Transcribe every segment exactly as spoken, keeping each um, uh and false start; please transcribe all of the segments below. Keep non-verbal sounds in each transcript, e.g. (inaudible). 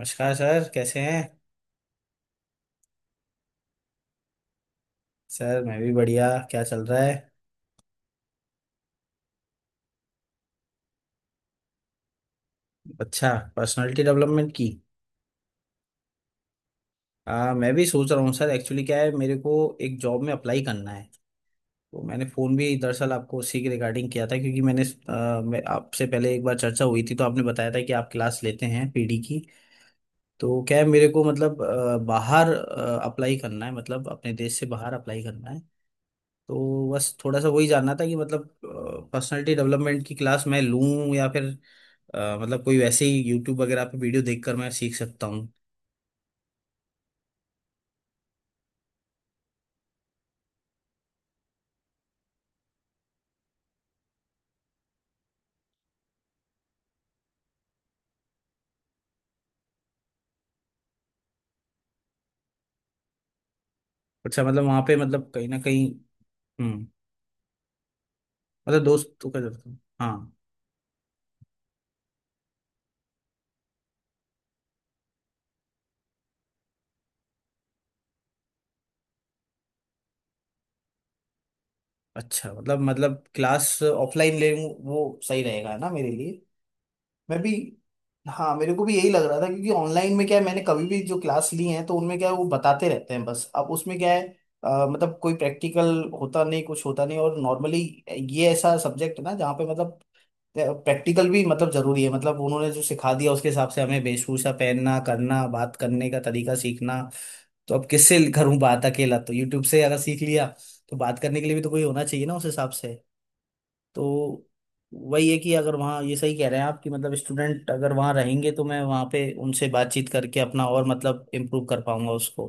नमस्कार सर, कैसे हैं? सर मैं भी बढ़िया, क्या चल रहा है? अच्छा, पर्सनालिटी डेवलपमेंट की। आ, मैं भी सोच रहा हूँ सर, एक्चुअली क्या है मेरे को, एक जॉब में अप्लाई करना है। तो मैंने फ़ोन भी दरअसल आपको उसी के रिगार्डिंग किया था क्योंकि मैंने आ, मैं आपसे पहले एक बार चर्चा हुई थी तो आपने बताया था कि आप क्लास लेते हैं पीडी की। तो क्या है मेरे को मतलब, आ, बाहर अप्लाई करना है, मतलब अपने देश से बाहर अप्लाई करना है। तो बस थोड़ा सा वही जानना था कि मतलब पर्सनालिटी डेवलपमेंट की क्लास मैं लूं या फिर अ, मतलब कोई वैसे ही यूट्यूब वगैरह पे वीडियो देखकर मैं सीख सकता हूँ। अच्छा, मतलब वहाँ पे मतलब कहीं ना कहीं, हम्म, मतलब दोस्तों का जरूरत है। हाँ। अच्छा, मतलब मतलब क्लास ऑफलाइन ले लूँ, वो सही रहेगा है ना मेरे लिए। मैं भी, हाँ, मेरे को भी यही लग रहा था क्योंकि ऑनलाइन में क्या है मैंने कभी भी जो क्लास ली है तो उनमें क्या है वो बताते रहते हैं बस, अब उसमें क्या है अ, मतलब कोई प्रैक्टिकल होता नहीं, कुछ होता नहीं, और नॉर्मली ये ऐसा सब्जेक्ट है ना जहाँ पे मतलब प्रैक्टिकल भी मतलब जरूरी है, मतलब उन्होंने जो सिखा दिया उसके हिसाब से हमें वेशभूषा पहनना, करना, बात करने का तरीका सीखना। तो अब किससे करूं बात अकेला, तो यूट्यूब से अगर सीख लिया तो बात करने के लिए भी तो कोई होना चाहिए ना उस हिसाब से। तो वही है कि अगर वहाँ ये सही कह रहे हैं आप कि मतलब स्टूडेंट अगर वहाँ रहेंगे तो मैं वहाँ पे उनसे बातचीत करके अपना और मतलब इम्प्रूव कर पाऊंगा उसको।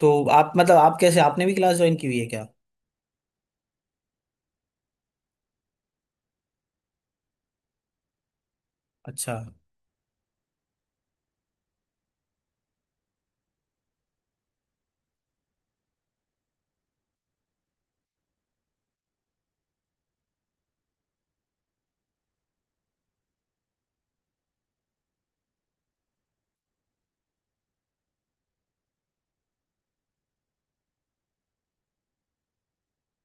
तो आप मतलब आप कैसे, आपने भी क्लास ज्वाइन की हुई है क्या? अच्छा।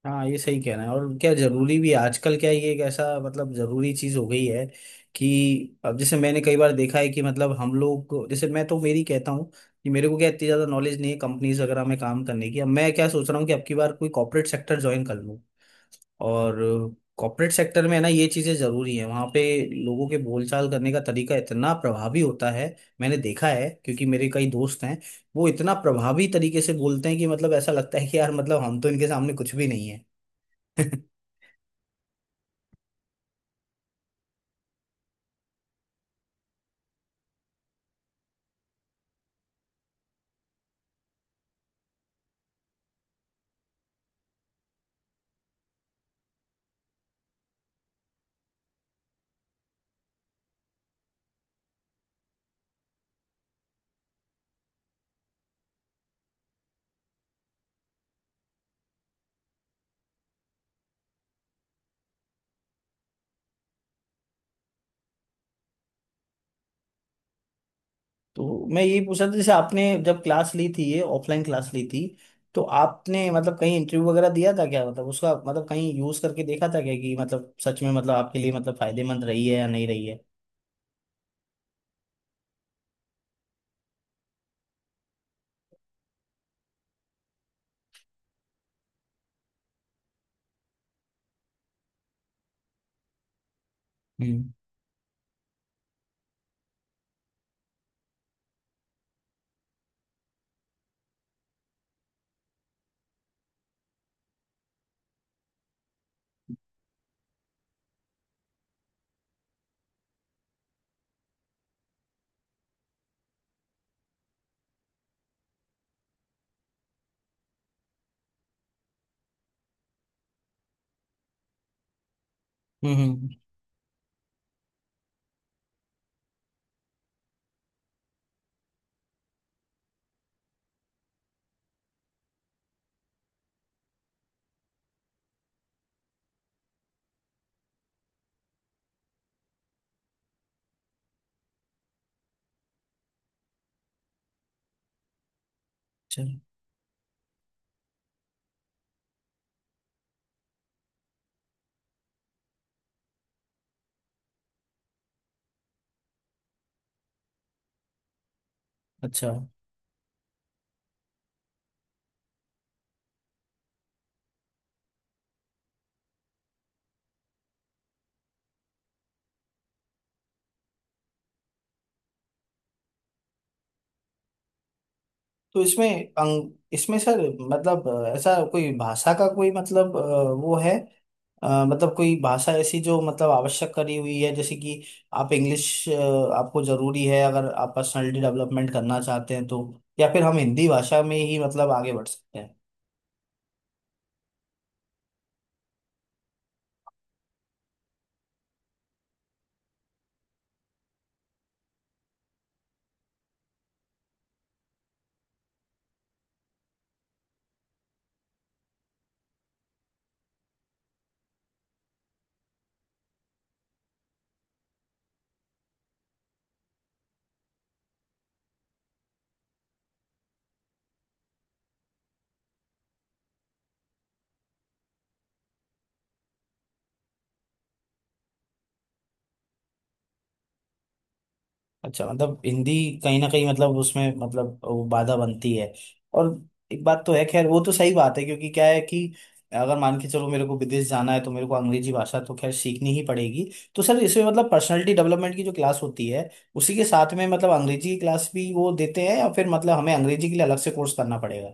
हाँ, ये सही कहना है और क्या जरूरी भी है। आजकल क्या ये एक ऐसा मतलब जरूरी चीज हो गई है कि अब जैसे मैंने कई बार देखा है कि मतलब हम लोग को- जैसे मैं तो मेरी कहता हूँ कि मेरे को क्या इतनी ज्यादा नॉलेज नहीं है कंपनीज वगैरह में काम करने की। अब मैं क्या सोच रहा हूँ कि अब की बार कोई कॉर्पोरेट सेक्टर ज्वाइन कर लूँ। और कॉर्पोरेट सेक्टर में है ना ये चीजें जरूरी है वहां पे, लोगों के बोलचाल करने का तरीका इतना प्रभावी होता है, मैंने देखा है क्योंकि मेरे कई दोस्त हैं, वो इतना प्रभावी तरीके से बोलते हैं कि मतलब ऐसा लगता है कि यार मतलब हम तो इनके सामने कुछ भी नहीं है। (laughs) तो मैं यही पूछ रहा था, जैसे आपने जब क्लास ली थी, ये ऑफलाइन क्लास ली थी, तो आपने मतलब कहीं इंटरव्यू वगैरह दिया था क्या, मतलब उसका मतलब कहीं यूज करके देखा था क्या कि मतलब सच में मतलब आपके लिए मतलब फायदेमंद रही है या नहीं रही है। हम्म हम्म हम्म, अच्छा, अच्छा। तो इसमें, अंग इसमें सर मतलब अ, ऐसा कोई भाषा का कोई मतलब अ, वो है अ, मतलब कोई भाषा ऐसी जो मतलब आवश्यक करी हुई है जैसे कि आप इंग्लिश, आपको जरूरी है अगर आप पर्सनालिटी डेवलपमेंट करना चाहते हैं तो, या फिर हम हिंदी भाषा में ही मतलब आगे बढ़ सकते हैं। अच्छा, मतलब हिंदी कहीं ना कहीं मतलब उसमें मतलब वो बाधा बनती है। और एक बात तो है खैर, वो तो सही बात है क्योंकि क्या है कि अगर मान के चलो मेरे को विदेश जाना है तो मेरे को अंग्रेजी भाषा तो खैर सीखनी ही पड़ेगी। तो सर इसमें मतलब पर्सनालिटी डेवलपमेंट की जो क्लास होती है उसी के साथ में मतलब अंग्रेजी की क्लास भी वो देते हैं, या फिर मतलब हमें अंग्रेजी के लिए अलग से कोर्स करना पड़ेगा।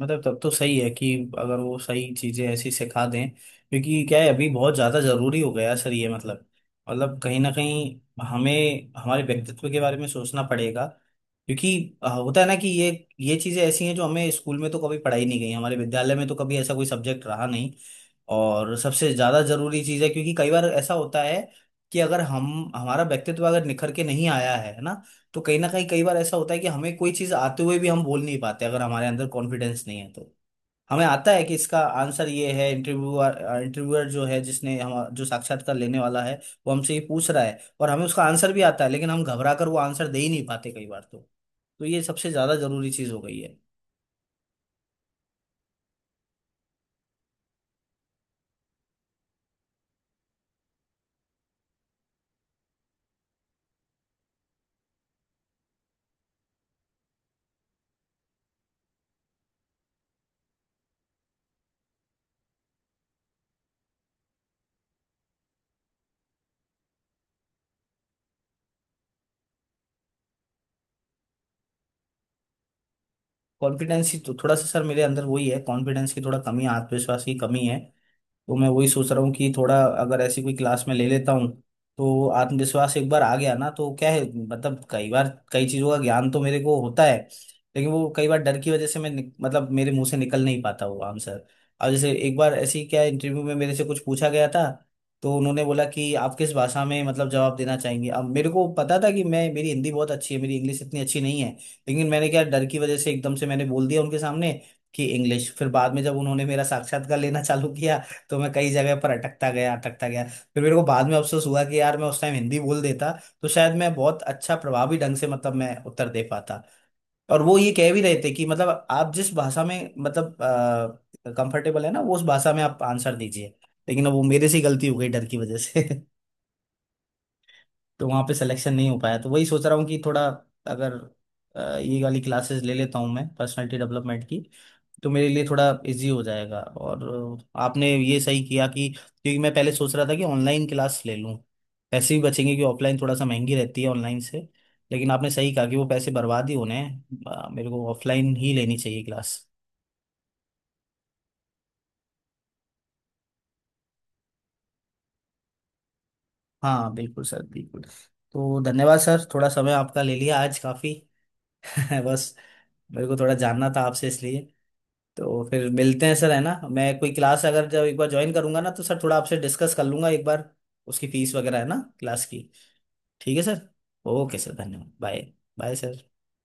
मतलब तब तो सही है कि अगर वो सही चीजें ऐसी सिखा दें, क्योंकि क्या है, अभी बहुत ज्यादा जरूरी हो गया है सर ये मतलब, मतलब कहीं ना कहीं हमें हमारे व्यक्तित्व के बारे में सोचना पड़ेगा, क्योंकि अ, होता है ना कि ये ये चीजें ऐसी हैं जो हमें स्कूल में तो कभी पढ़ाई नहीं गई, हमारे विद्यालय में तो कभी ऐसा कोई सब्जेक्ट रहा नहीं। और सबसे ज्यादा जरूरी चीज है, क्योंकि कई बार ऐसा होता है कि अगर हम हमारा व्यक्तित्व अगर निखर के नहीं आया है ना तो कहीं ना कहीं कई बार ऐसा होता है कि हमें कोई चीज आते हुए भी हम बोल नहीं पाते, अगर हमारे अंदर कॉन्फिडेंस नहीं है तो। हमें आता है कि इसका आंसर ये है, इंटरव्यूअर इंटरव्यूअर जो है, जिसने हम जो साक्षात्कार लेने वाला है वो हमसे ये पूछ रहा है और हमें उसका आंसर भी आता है, लेकिन हम घबरा कर वो आंसर दे ही नहीं पाते कई बार तो। तो ये सबसे ज्यादा जरूरी चीज हो गई है। कॉन्फिडेंस ही तो थोड़ा सा सर मेरे अंदर वही है, कॉन्फिडेंस की थोड़ा कमी है, आत्मविश्वास की कमी है। तो मैं वही सोच रहा हूँ कि थोड़ा अगर ऐसी कोई क्लास में ले लेता हूँ तो आत्मविश्वास एक बार आ गया ना तो क्या है, मतलब कई बार कई चीज़ों का ज्ञान तो मेरे को होता है लेकिन वो कई बार डर की वजह से मैं निक- मतलब मेरे मुंह से निकल नहीं पाता वो आंसर। अब जैसे एक बार ऐसी क्या इंटरव्यू में मेरे से कुछ पूछा गया था तो उन्होंने बोला कि आप किस भाषा में मतलब जवाब देना चाहेंगे। अब मेरे को पता था कि मैं मेरी हिंदी बहुत अच्छी है, मेरी इंग्लिश इतनी अच्छी नहीं है, लेकिन मैंने क्या डर की वजह से एकदम से मैंने बोल दिया उनके सामने कि इंग्लिश। फिर बाद में जब उन्होंने मेरा साक्षात्कार लेना चालू किया तो मैं कई जगह पर अटकता गया अटकता गया, फिर मेरे को बाद में अफसोस हुआ कि यार मैं उस टाइम हिंदी बोल देता तो शायद मैं बहुत अच्छा प्रभावी ढंग से मतलब मैं उत्तर दे पाता। और वो ये कह भी रहे थे कि मतलब आप जिस भाषा में मतलब कंफर्टेबल है ना वो उस भाषा में आप आंसर दीजिए, लेकिन अब वो मेरे से ही गलती हो गई डर की वजह से। तो वहाँ पे सिलेक्शन नहीं हो पाया। तो वही सोच रहा हूँ कि थोड़ा अगर अ, ये वाली क्लासेस ले लेता हूँ मैं, पर्सनालिटी डेवलपमेंट की, तो मेरे लिए थोड़ा इजी हो जाएगा। और अ, आपने ये सही किया कि, क्योंकि मैं पहले सोच रहा था कि ऑनलाइन क्लास ले लूँ, पैसे भी बचेंगे कि ऑफलाइन थोड़ा सा महंगी रहती है ऑनलाइन से, लेकिन आपने सही कहा कि वो पैसे बर्बाद ही होने हैं, अ, मेरे को ऑफलाइन ही लेनी चाहिए क्लास। हाँ बिल्कुल सर, बिल्कुल। तो धन्यवाद सर, थोड़ा समय आपका ले लिया आज काफ़ी। (laughs) बस मेरे को थोड़ा जानना था आपसे इसलिए। तो फिर मिलते हैं सर, है ना, मैं कोई क्लास अगर जब एक बार ज्वाइन करूंगा ना तो सर थोड़ा आपसे डिस्कस कर लूंगा एक बार, उसकी फीस वगैरह है ना क्लास की। ठीक है सर। ओके सर, धन्यवाद, बाय। Bye sir.